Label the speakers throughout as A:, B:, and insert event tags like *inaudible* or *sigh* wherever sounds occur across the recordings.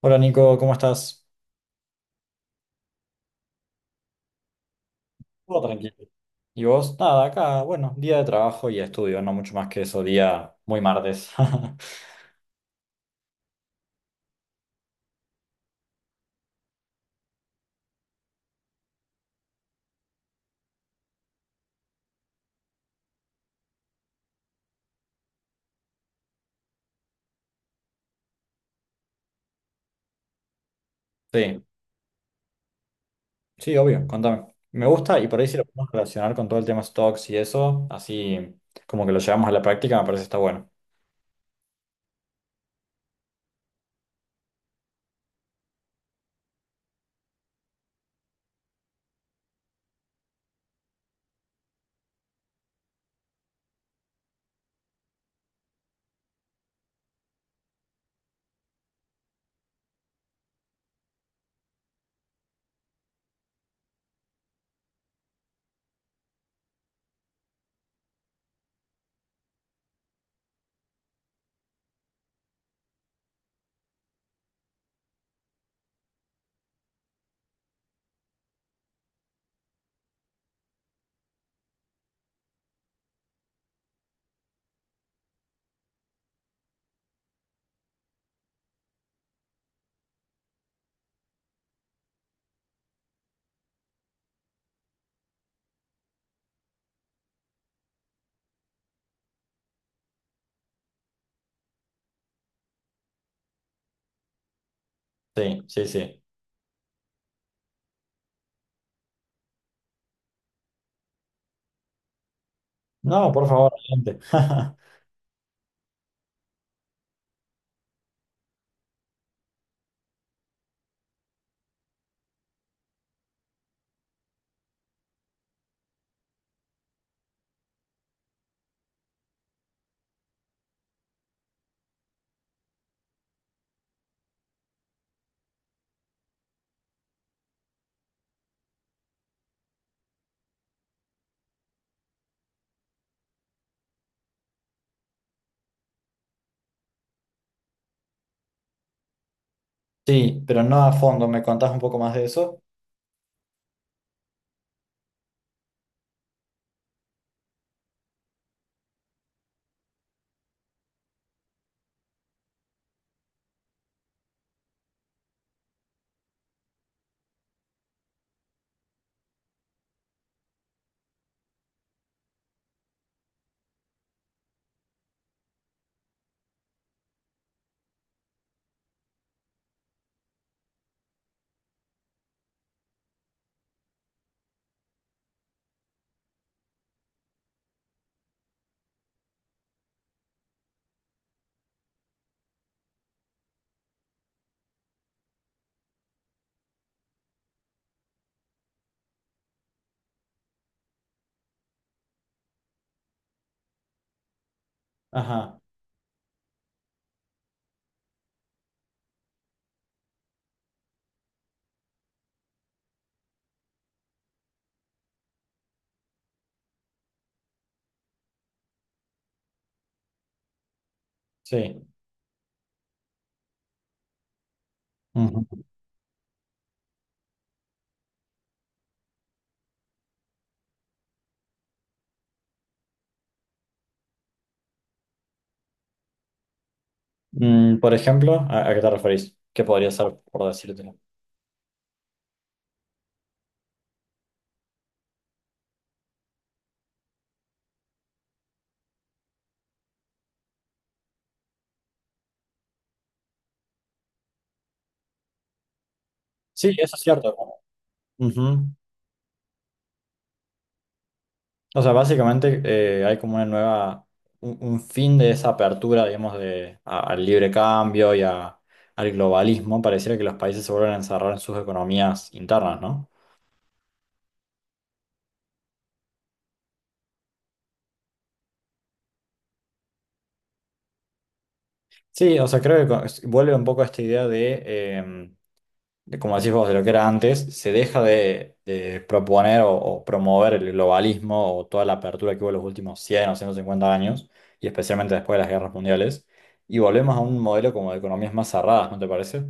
A: Hola Nico, ¿cómo estás? Todo tranquilo. ¿Y vos? Nada, acá, bueno, día de trabajo y estudio, no mucho más que eso, día muy martes. *laughs* Sí, sí, obvio, contame. Me gusta y por ahí si lo podemos relacionar con todo el tema stocks y eso, así como que lo llevamos a la práctica, me parece que está bueno. Sí, sí, sí. No, por favor, gente. *laughs* Sí, pero no a fondo, ¿me contás un poco más de eso? Ajá, sí. Ujú. Mm, por ejemplo, ¿a qué te referís? ¿Qué podría ser por decirte? Sí, eso es cierto. Ujú. O sea, básicamente hay como una nueva, un fin de esa apertura, digamos, de, al libre cambio y al globalismo. Pareciera que los países se vuelven a encerrar en sus economías internas, ¿no? Sí, o sea, creo que vuelve un poco a esta idea de, como decís vos, de lo que era antes, se deja de proponer o promover el globalismo o toda la apertura que hubo en los últimos 100 o 150 años, y especialmente después de las guerras mundiales, y volvemos a un modelo como de economías más cerradas, ¿no te parece?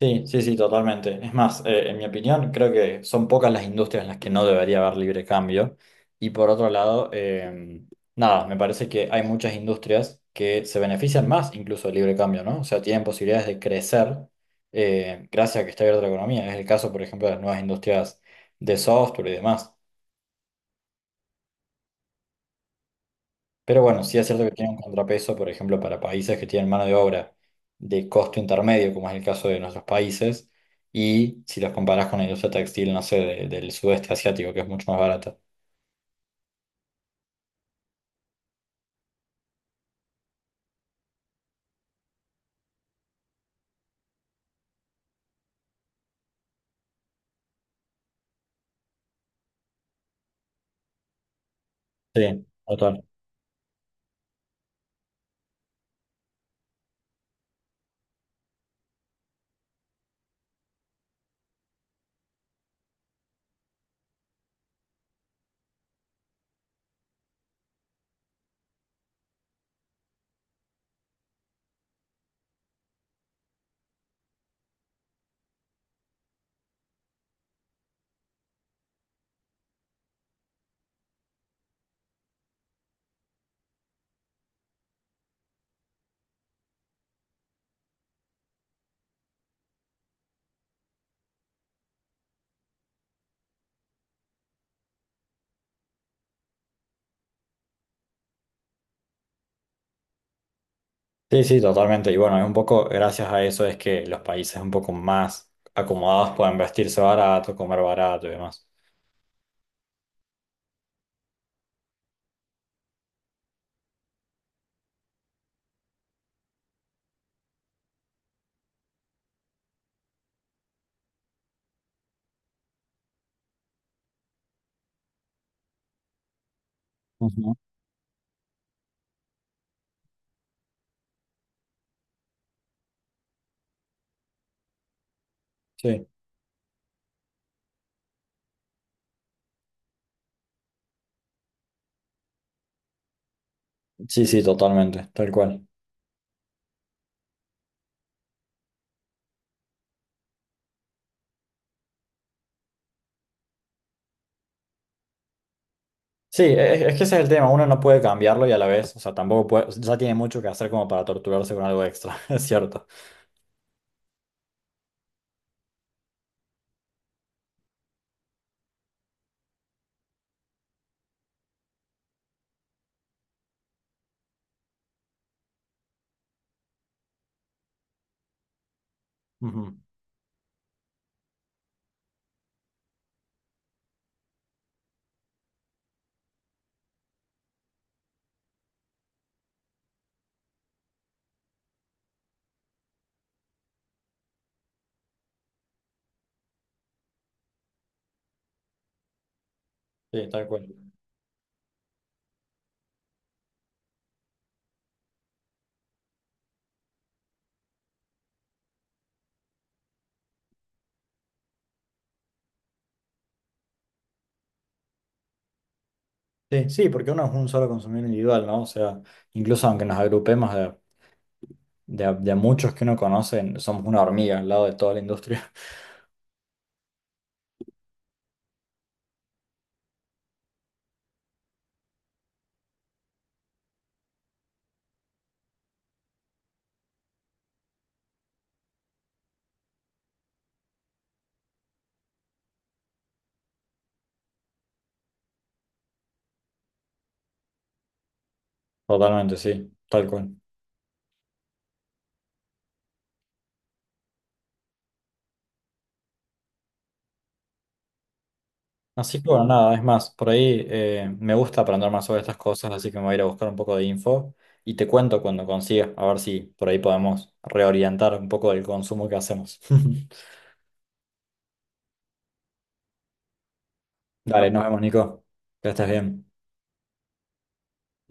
A: Sí, sí, sí, totalmente. Es más, en mi opinión, creo que son pocas las industrias en las que no debería haber libre cambio. Y por otro lado, nada, me parece que hay muchas industrias que se benefician más incluso del libre cambio, ¿no? O sea, tienen posibilidades de crecer gracias a que está abierta la economía. Es el caso, por ejemplo, de las nuevas industrias de software y demás. Pero bueno, sí es cierto que tiene un contrapeso, por ejemplo, para países que tienen mano de obra de costo intermedio, como es el caso de nuestros países, y si los comparás con la industria textil, no sé, del sudeste asiático, que es mucho más barata. Sí, total. Sí, sí, totalmente. Y bueno, es un poco, gracias a eso es que los países un poco más acomodados pueden vestirse barato, comer barato y demás. Ujú. Sí, sí, sí, totalmente, tal cual. Sí, es, que ese es el tema, uno no puede cambiarlo y a la vez, o sea, tampoco puede, o sea, ya tiene mucho que hacer como para torturarse con algo extra, *laughs* es cierto. Ujú. Sí, tal cual. Sí, sí, porque uno es un solo consumidor individual, ¿no? O sea, incluso aunque nos agrupemos de, de a muchos que uno conoce, somos una hormiga al lado de toda la industria. *laughs* Totalmente, sí, tal cual. Así que bueno, nada, es más, por ahí me gusta aprender más sobre estas cosas, así que me voy a ir a buscar un poco de info y te cuento cuando consiga, a ver si por ahí podemos reorientar un poco el consumo que hacemos. *laughs* Dale, nos vemos, Nico. Que estés bien.